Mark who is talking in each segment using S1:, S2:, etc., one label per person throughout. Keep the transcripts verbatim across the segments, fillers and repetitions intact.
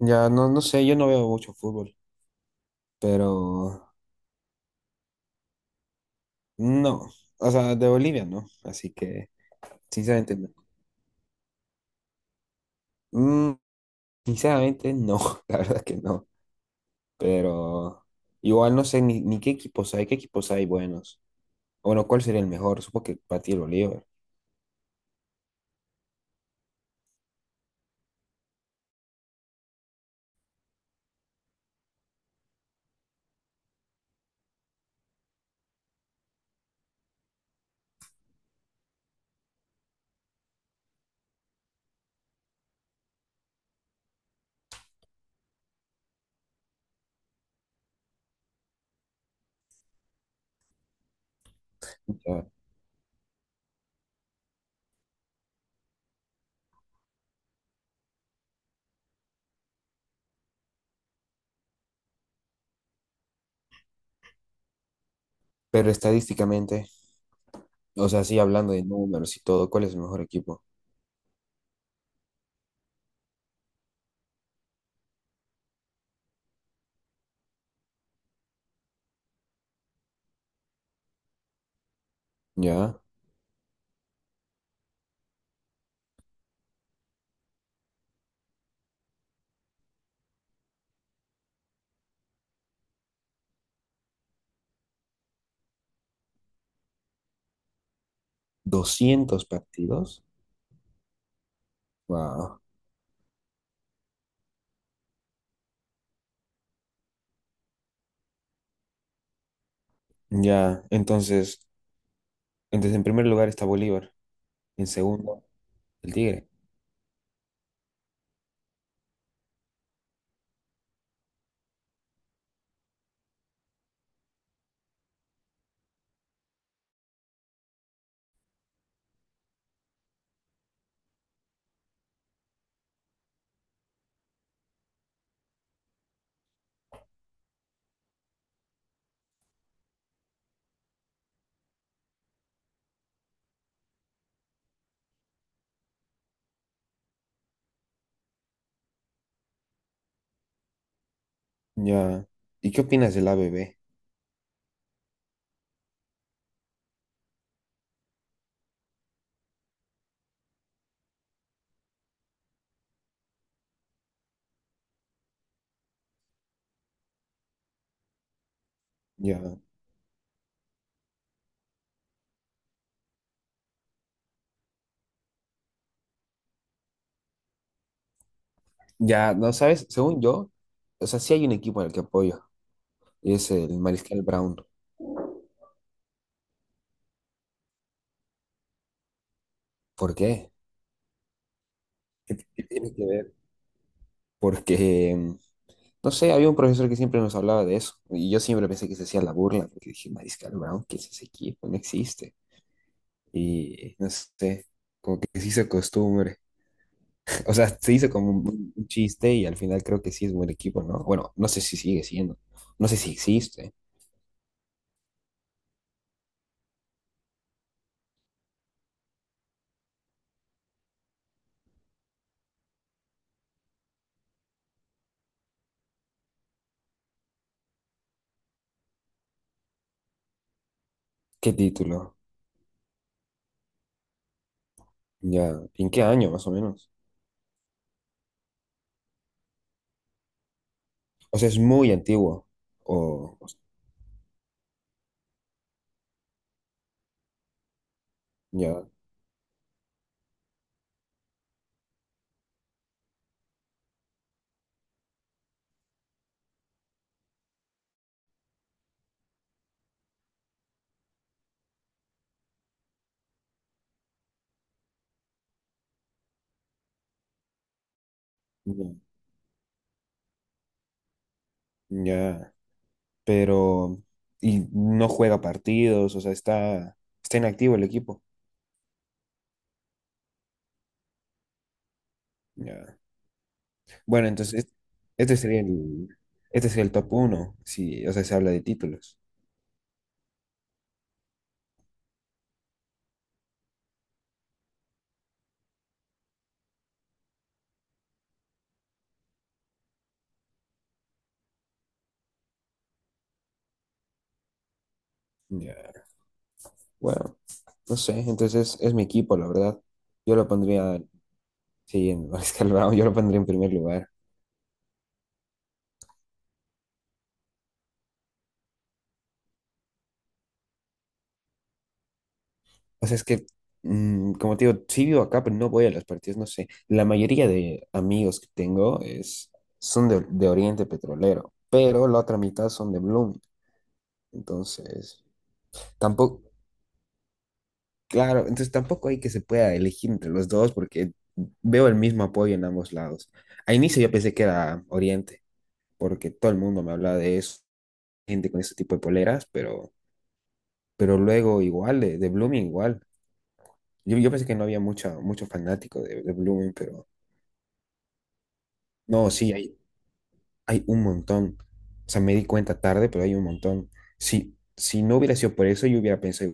S1: Ya no, no sé, yo no veo mucho fútbol, pero no, o sea, de Bolivia no, así que sinceramente no. Mm, sinceramente no, la verdad que no, pero igual no sé ni, ni qué equipos hay, qué equipos hay buenos. Bueno, ¿cuál sería el mejor? Supongo que para ti el Bolívar, ya. Pero estadísticamente, o sea, sí hablando de números y todo, ¿cuál es el mejor equipo? Ya, doscientos partidos. Wow. Ya, entonces, entonces en primer lugar está Bolívar, en segundo el Tigre. Ya. ¿Y qué opinas del A B B? Ya. Ya, no sabes, según yo, o sea, sí hay un equipo al que apoyo, y es el Mariscal Brown. ¿Por qué? ¿Qué, qué tiene que ver? Porque, mm, no sé, había un profesor que siempre nos hablaba de eso, y yo siempre pensé que se hacía la burla, porque dije, Mariscal Brown, ¿qué es ese equipo? No existe. Y no sé, que se hizo costumbre. O sea, se hizo como un, un chiste y al final creo que sí es buen equipo, ¿no? Bueno, no sé si sigue siendo, no sé si existe. ¿Qué título? Ya, ¿y ¿en qué año más o menos? O sea, es muy antiguo. O, o- ya, ya, ya. Pero, y no juega partidos, o sea, está, está inactivo el equipo. Ya. Bueno, entonces, es- este sería el, este sería el top uno, si, o sea, se habla de títulos. Ya. Bueno, no sé, entonces es mi equipo, la verdad. Yo lo pondría, sí, en Mariscal Brown, yo lo pondría en primer lugar. O sea, es que, mm, como te digo, sí vivo acá, pero no voy a los partidos, no sé. La mayoría de amigos que tengo es, son de, de Oriente Petrolero, pero la otra mitad son de Blooming. Entonces, tampoco, claro, entonces tampoco hay que se pueda elegir entre los dos porque veo el mismo apoyo en ambos lados. A inicio yo pensé que era Oriente, porque todo el mundo me hablaba de eso, gente con ese tipo de poleras, pero, pero luego igual, de, de Blooming igual. Yo, yo pensé que no había mucha, mucho fanático de, de Blooming, pero... No, sí, hay, hay un montón. O sea, me di cuenta tarde, pero hay un montón. Si, si no hubiera sido por eso, yo hubiera pensado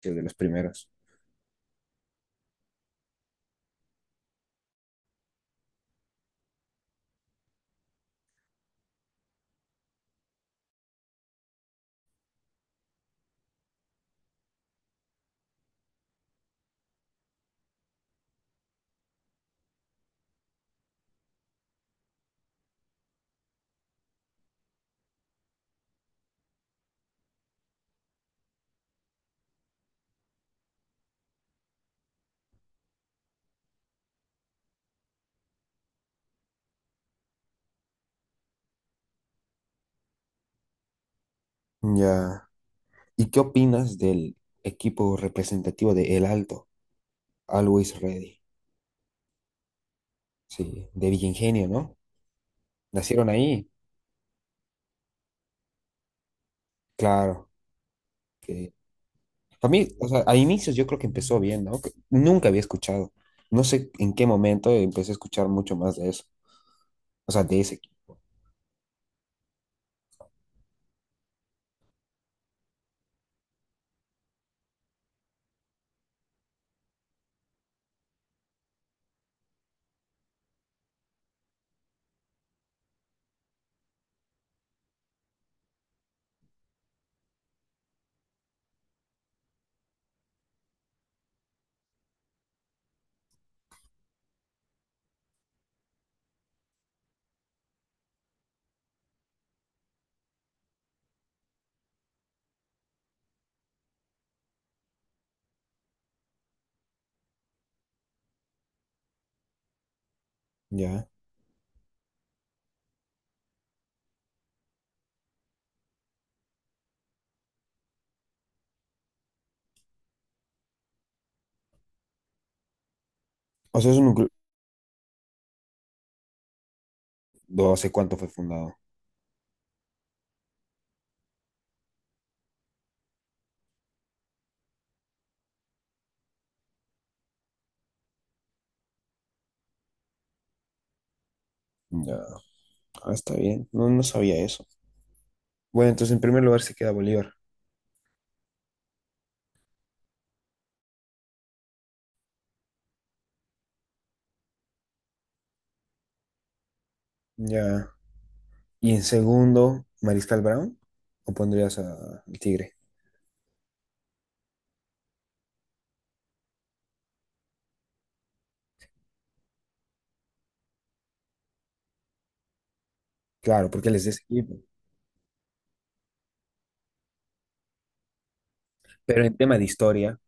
S1: que de los primeros. Ya. ¿Y qué opinas del equipo representativo de El Alto? Always Ready. Sí, de Villa Ingenio, ¿no? Nacieron ahí. Claro. Que... A mí, o sea, a inicios yo creo que empezó bien, ¿no? Que nunca había escuchado. No sé en qué momento empecé a escuchar mucho más de eso. O sea, de ese equipo. Ya. O sea, es un grupo. No sé cuánto fue fundado. Ya. Ah, está bien. No, no sabía eso. Bueno, entonces en primer lugar se queda Bolívar. Ya. Y en segundo, Mariscal Brown. ¿O pondrías a- al Tigre? Claro, porque él es de ese equipo. Pero en tema de historia,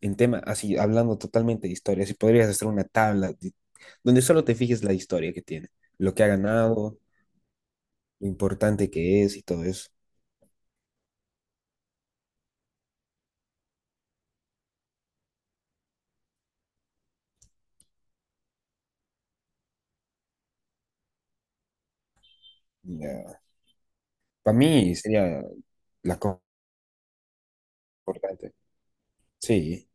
S1: en tema, así, hablando totalmente de historia, si podrías hacer una tabla de- donde solo te fijes la historia que tiene, lo que ha ganado, lo importante que es y todo eso. Para mí sería la cosa importante. Sí.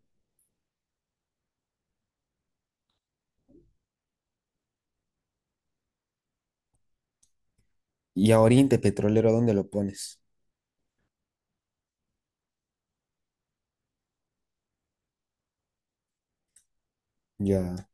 S1: Y a Oriente Petrolero, ¿dónde lo pones? Ya.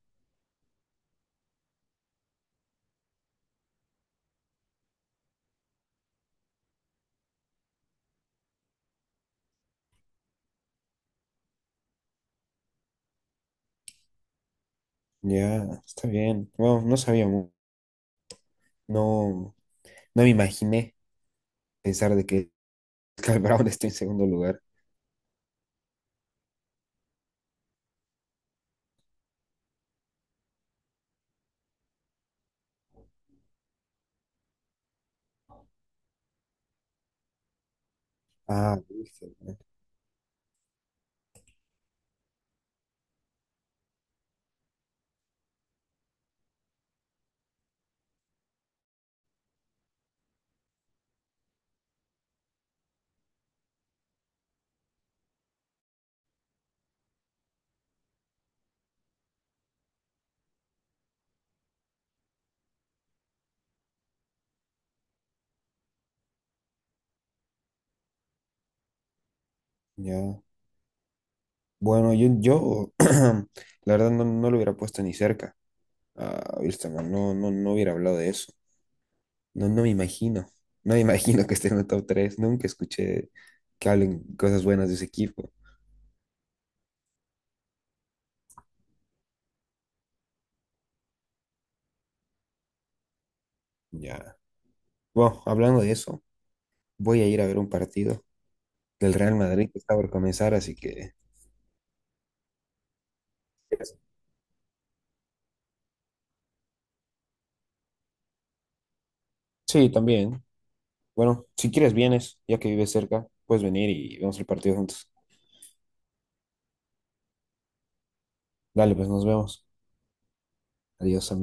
S1: Ya, está bien. Bueno, no sabía, mu- no, no me imaginé pensar de que Cal Brown está en segundo lugar. Ah, viste, ya. Bueno, yo, yo la verdad no, no lo hubiera puesto ni cerca a Wilstermann, no, no, no hubiera hablado de eso. No, no me imagino, no me imagino que esté en el top tres. Nunca escuché que hablen cosas buenas de ese equipo. Ya. Bueno, hablando de eso, voy a ir a ver un partido del Real Madrid que está por comenzar, así que... Sí, también. Bueno, si quieres vienes, ya que vives cerca, puedes venir y vemos el partido juntos. Dale, pues nos vemos. Adiós, amigo.